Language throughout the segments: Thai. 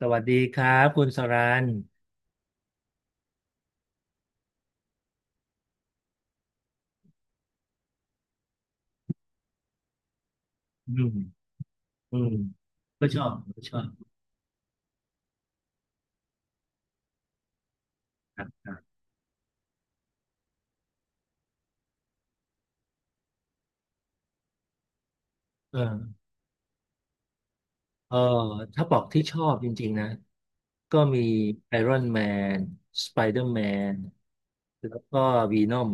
สวัสดีครับคุณสรันอืมอืมก็ชอบครับครับเออเออถ้าบอกที่ชอบจริงๆนะก็มีไอรอนแมนสไปเดอร์แมนแล้วก็วีนอม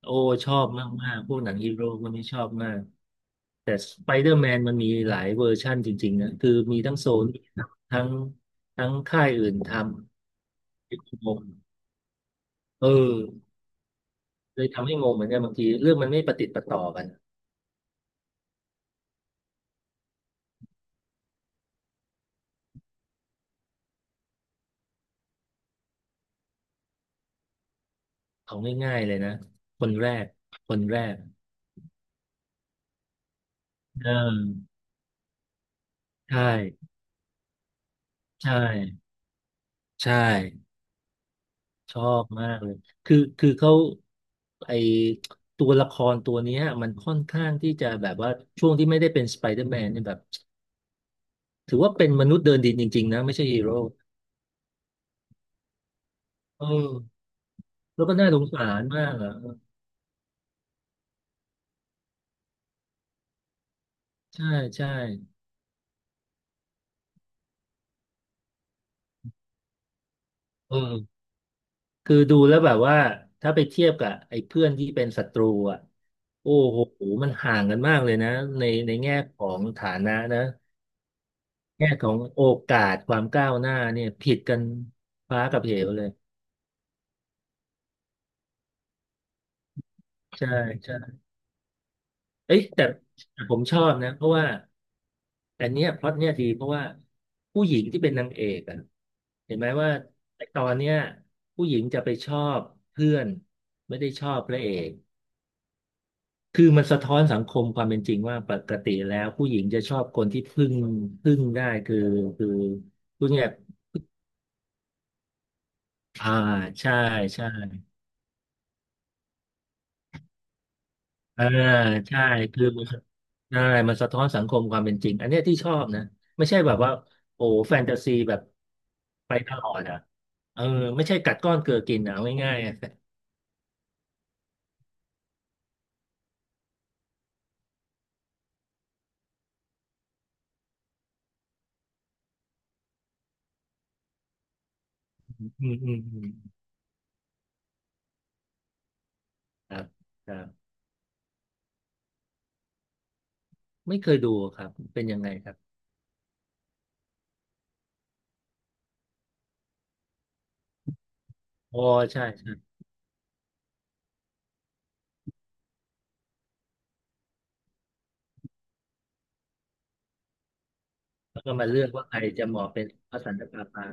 โอ้ชอบมากๆ พวกหนังฮีโร่พวกนี้ชอบมาก แต่สไปเดอร์แมนมันมีหลายเวอร์ชั่นจริงๆนะคือมีทั้งโซนทั้งทั้งค่ายอื่นทำงงเออเลยทำให้งงเหมือนกันบางทีเรื่องมันไม่ประติดประต่อกัน เอาง่ายๆเลยนะคนแรกคนแรกเออใช่ใช่ใช่ชอบมากเลยคือเขาไอตัวละครตัวเนี้ยมันค่อนข้างที่จะแบบว่าช่วงที่ไม่ได้เป็นสไปเดอร์แมนเนี่ยแบบถือว่าเป็นมนุษย์เดินดินจริงๆนะไม่ใช่ฮีโร่เออแล้วก็น่าสงสารมากอ่ะเออใช่ใช่เออ คือดูแล้วแบบว่าถ้าไปเทียบกับไอ้เพื่อนที่เป็นศัตรูอ่ะโอ้โหมันห่างกันมากเลยนะในแง่ของฐานะนะแง่ของโอกาสความก้าวหน้าเนี่ยผิดกันฟ้ากับเหวเลยใช่ใช่เอ้ยแต่แต่ผมชอบนะเพราะว่าอันเนี้ยพล็อตเนี้ยดีเพราะว่าผู้หญิงที่เป็นนางเอกอะเห็นไหมว่าตอนเนี้ยผู้หญิงจะไปชอบเพื่อนไม่ได้ชอบพระเอก คือมันสะท้อนสังคมความเป็นจริงว่าปกติแล้วผู้หญิงจะชอบคนที่พึ่งได้คือผู้เนี่ยอ่าใช่ใช่อ่าใช่คือมันใช่มันสะท้อนสังคมความเป็นจริงอันเนี้ยที่ชอบนะไม่ใช่แบบว่าโอ้แฟนตาซีแบบไปตลอดอ่ะเออไม่ใช่กัดก้อนเกลือกินอ่ะเอาง่ายๆอะอืมอืมอืมครับครับไม่เคยดูครับเป็นยังไงครับอ๋อใช่ใช่แล้วก็มาเลือกว่าใครจะเหมาะเป็นพระสันตะปาปา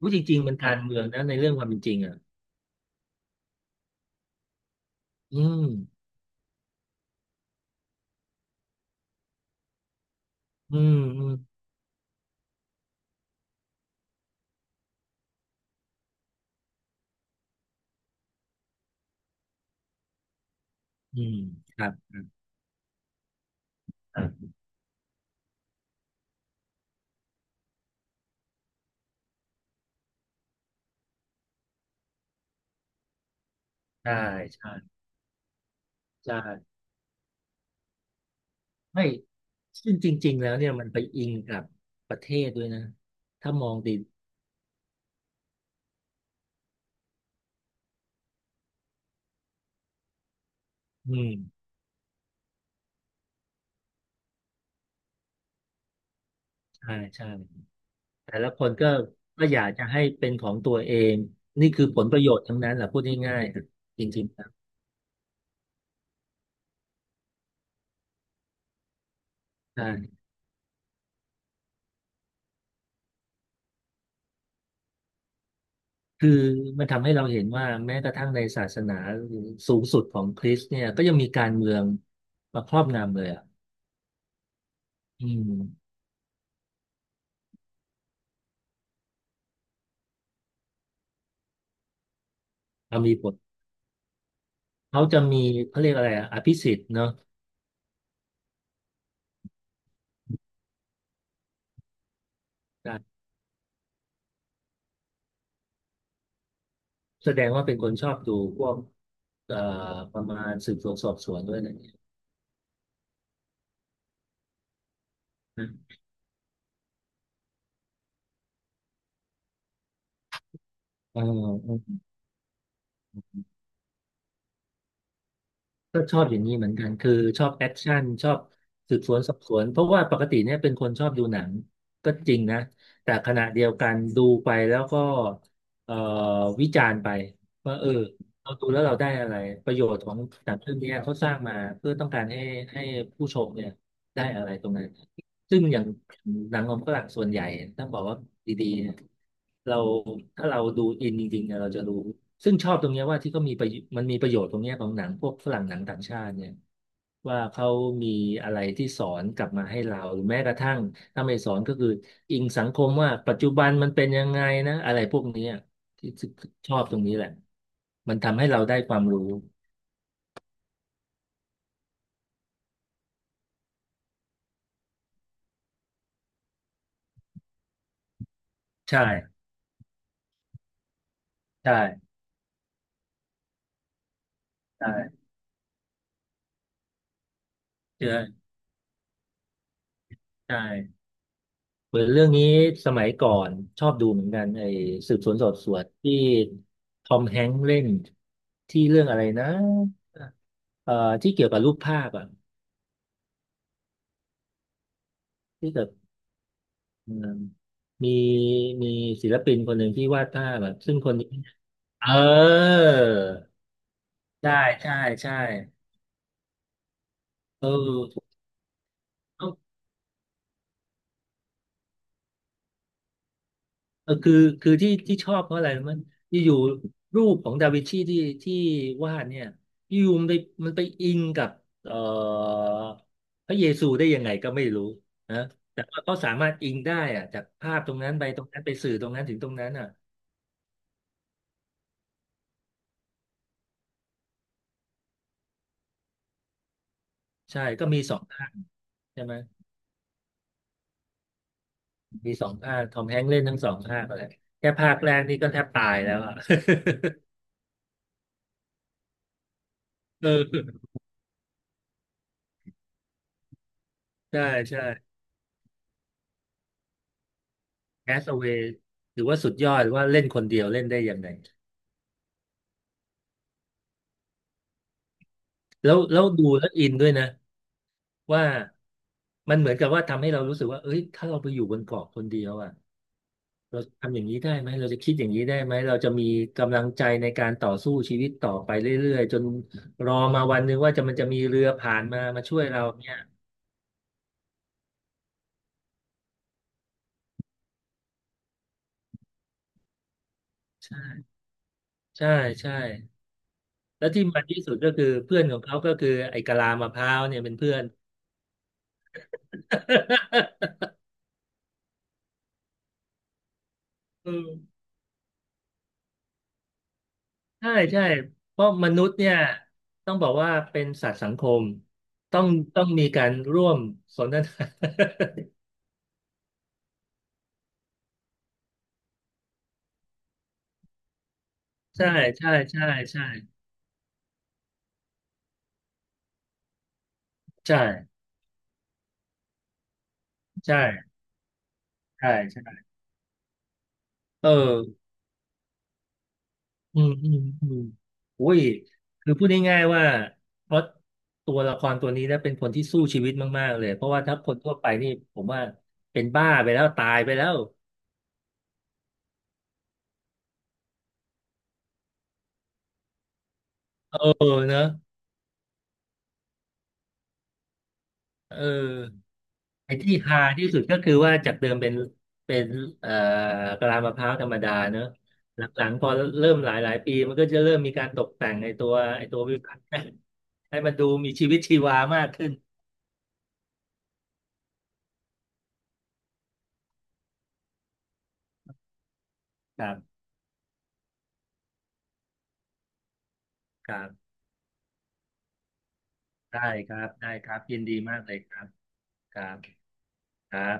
รู้จริงๆมันการเมืองนะในเรื่องความเป็นจริงอ่ะอืมอืมอืมอืมครับครับใช่ใช่ใช่ไม่ซึ่งจริงๆแล้วเนี่ยมันไปอิงกับประเทศด้วยนะถ้ามองดีอืมใช่ใช่แต่ละคนก็อยากจะให้เป็นของตัวเอง นี่คือผลประโยชน์ทั้งนั้นแหละพูดง่ายๆจริงๆครับใช่คือมันทำให้เราเห็นว่าแม้กระทั่งในศาสนาสูงสุดของคริสต์เนี่ยก็ยังมีการเมืองมาครอบงำเลยอ่ะอืม เอามีบทเขาจะมีเขาเรียกอะไรอะอภิสิทธิ์เนาะแสดงว่าเป็นคนชอบดูพวกเอ่อประมาณสืบสวนสอบสวนด้วยอะไรอย่างเงี้ยนะเออก็ชอบอย่างนี้เหมือนกันคือชอบแอคชั่นชอบสืบสวนสอบสวนเพราะว่าปกติเนี่ยเป็นคนชอบดูหนังก็จริงนะแต่ขณะเดียวกันดูไปแล้วก็เอ่อวิจารณ์ไปว่าเออเราดูแล้วเราได้อะไรประโยชน์ของหนังเรื่องนี้เขาสร้างมาเพื่อต้องการให้ผู้ชมเนี่ยได้อะไรตรงนั้น ซึ่งอย่างหนังของฝรั่งส่วนใหญ่ต้องบอกว่าดีๆเนี่ยเราถ้าเราดูอินจริงๆเนี่ยเราจะรู้ซึ่งชอบตรงเนี้ยว่าที่เขามีประโยชน์มันมีประโยชน์ตรงเนี้ยของหนังพวกฝรั่งหนังต่างชาติเนี่ยว่าเขามีอะไรที่สอนกลับมาให้เราหรือแม้กระทั่งถ้าไม่สอนก็คืออิงสังคมว่าปัจจุบันมันเป็นยังไงนะอะไรพวกเนี้ยที่ชอบตรงนี้แหละมันทำให้เราได้ความรู้ใช่ใช่ใช่เจอใช่ เหมือนเรื่องนี้สมัยก่อนชอบดูเหมือนกันไอ้สืบสวนสอบสวนที่ทอมแฮงค์เล่นที่เรื่องอะไรนะที่เกี่ยวกับรูปภาพอ่ะที่แบบเอิ่มมีมีศิลปินคนหนึ่งที่วาดภาพอ่ะซึ่งคนนี้เออใช่ใช่ใช่เออ เออคือที่ชอบเพราะอะไรรู้ไหมันอยู่ๆรูปของดาวินชีที่วาดเนี่ยอยู่ๆมันไปอิงกับเอ่อพระเยซูได้ยังไงก็ไม่รู้นะแต่ว่าเขาสามารถอิงได้อะจากภาพตรงนั้นไปตรงนั้นไปสื่อตรงนั้นถึงตรงนั้นอ่ะใช่ก็มีสองภาคใช่ไหมมีสองภาคทอมแฮงค์เล่นทั้งสองภาคอะไรแค่ภาคแรกนี่ก็แทบตายแล้วอ่ะ เออใช่ใช่แคสเวย์ถือว่าสุดยอดว่าเล่นคนเดียวเล่นได้ยังไงแล้วดูแล้วอินด้วยนะ ว่ามันเหมือนกับว่าทำให้เรารู้สึกว่าเอ้ยถ้าเราไปอยู่บนเกาะคนเดียวอ่ะเราทำอย่างนี้ได้ไหมเราจะคิดอย่างนี้ได้ไหมเราจะมีกำลังใจในการต่อสู้ชีวิตต่อไปเรื่อยๆจนรอมาวันหนึ่งว่าจะมันจะมีเรือผ่านมามาช่วยเราเนี่ยใช่ใช่ใช่แล้วที่มันที่สุดก็คือเพื่อนของเขาก็คือไอ้กะลามะพร้าวเนี่ยเป็นเพื่อน อืม ใช่ใช่เพราะมนุษย์เนี่ยต้องบอกว่าเป็นสัตว์สังคมต้องต้องมีการร่วมสนทนา ใช่ใช่ใช่ใช่ใช่ใช่ใช่ใช่เอออืมอืมอืมอุ้ยคือพูดง่ายๆว่าเพราะตัวละครตัวนี้นะเป็นคนที่สู้ชีวิตมากๆเลยเพราะว่าถ้าคนทั่วไปนี่ผมว่าเป็นบ้าไปแล้วตายไปแล้วเออเนอะเออ ไอ้ที่ฮาที่สุดก็คือว่าจากเดิมเป็นเอ่อกะลามะพร้าวธรรมดาเนอะหลังๆพอเริ่มหลายหลายปีมันก็จะเริ่มมีการตกแต่งไอ้ตัววิวให้ให้มันดูมีชีวิตชีวามากขึ้นครับครับได้ครับได้ครับยินดีมากเลยครับครับครับ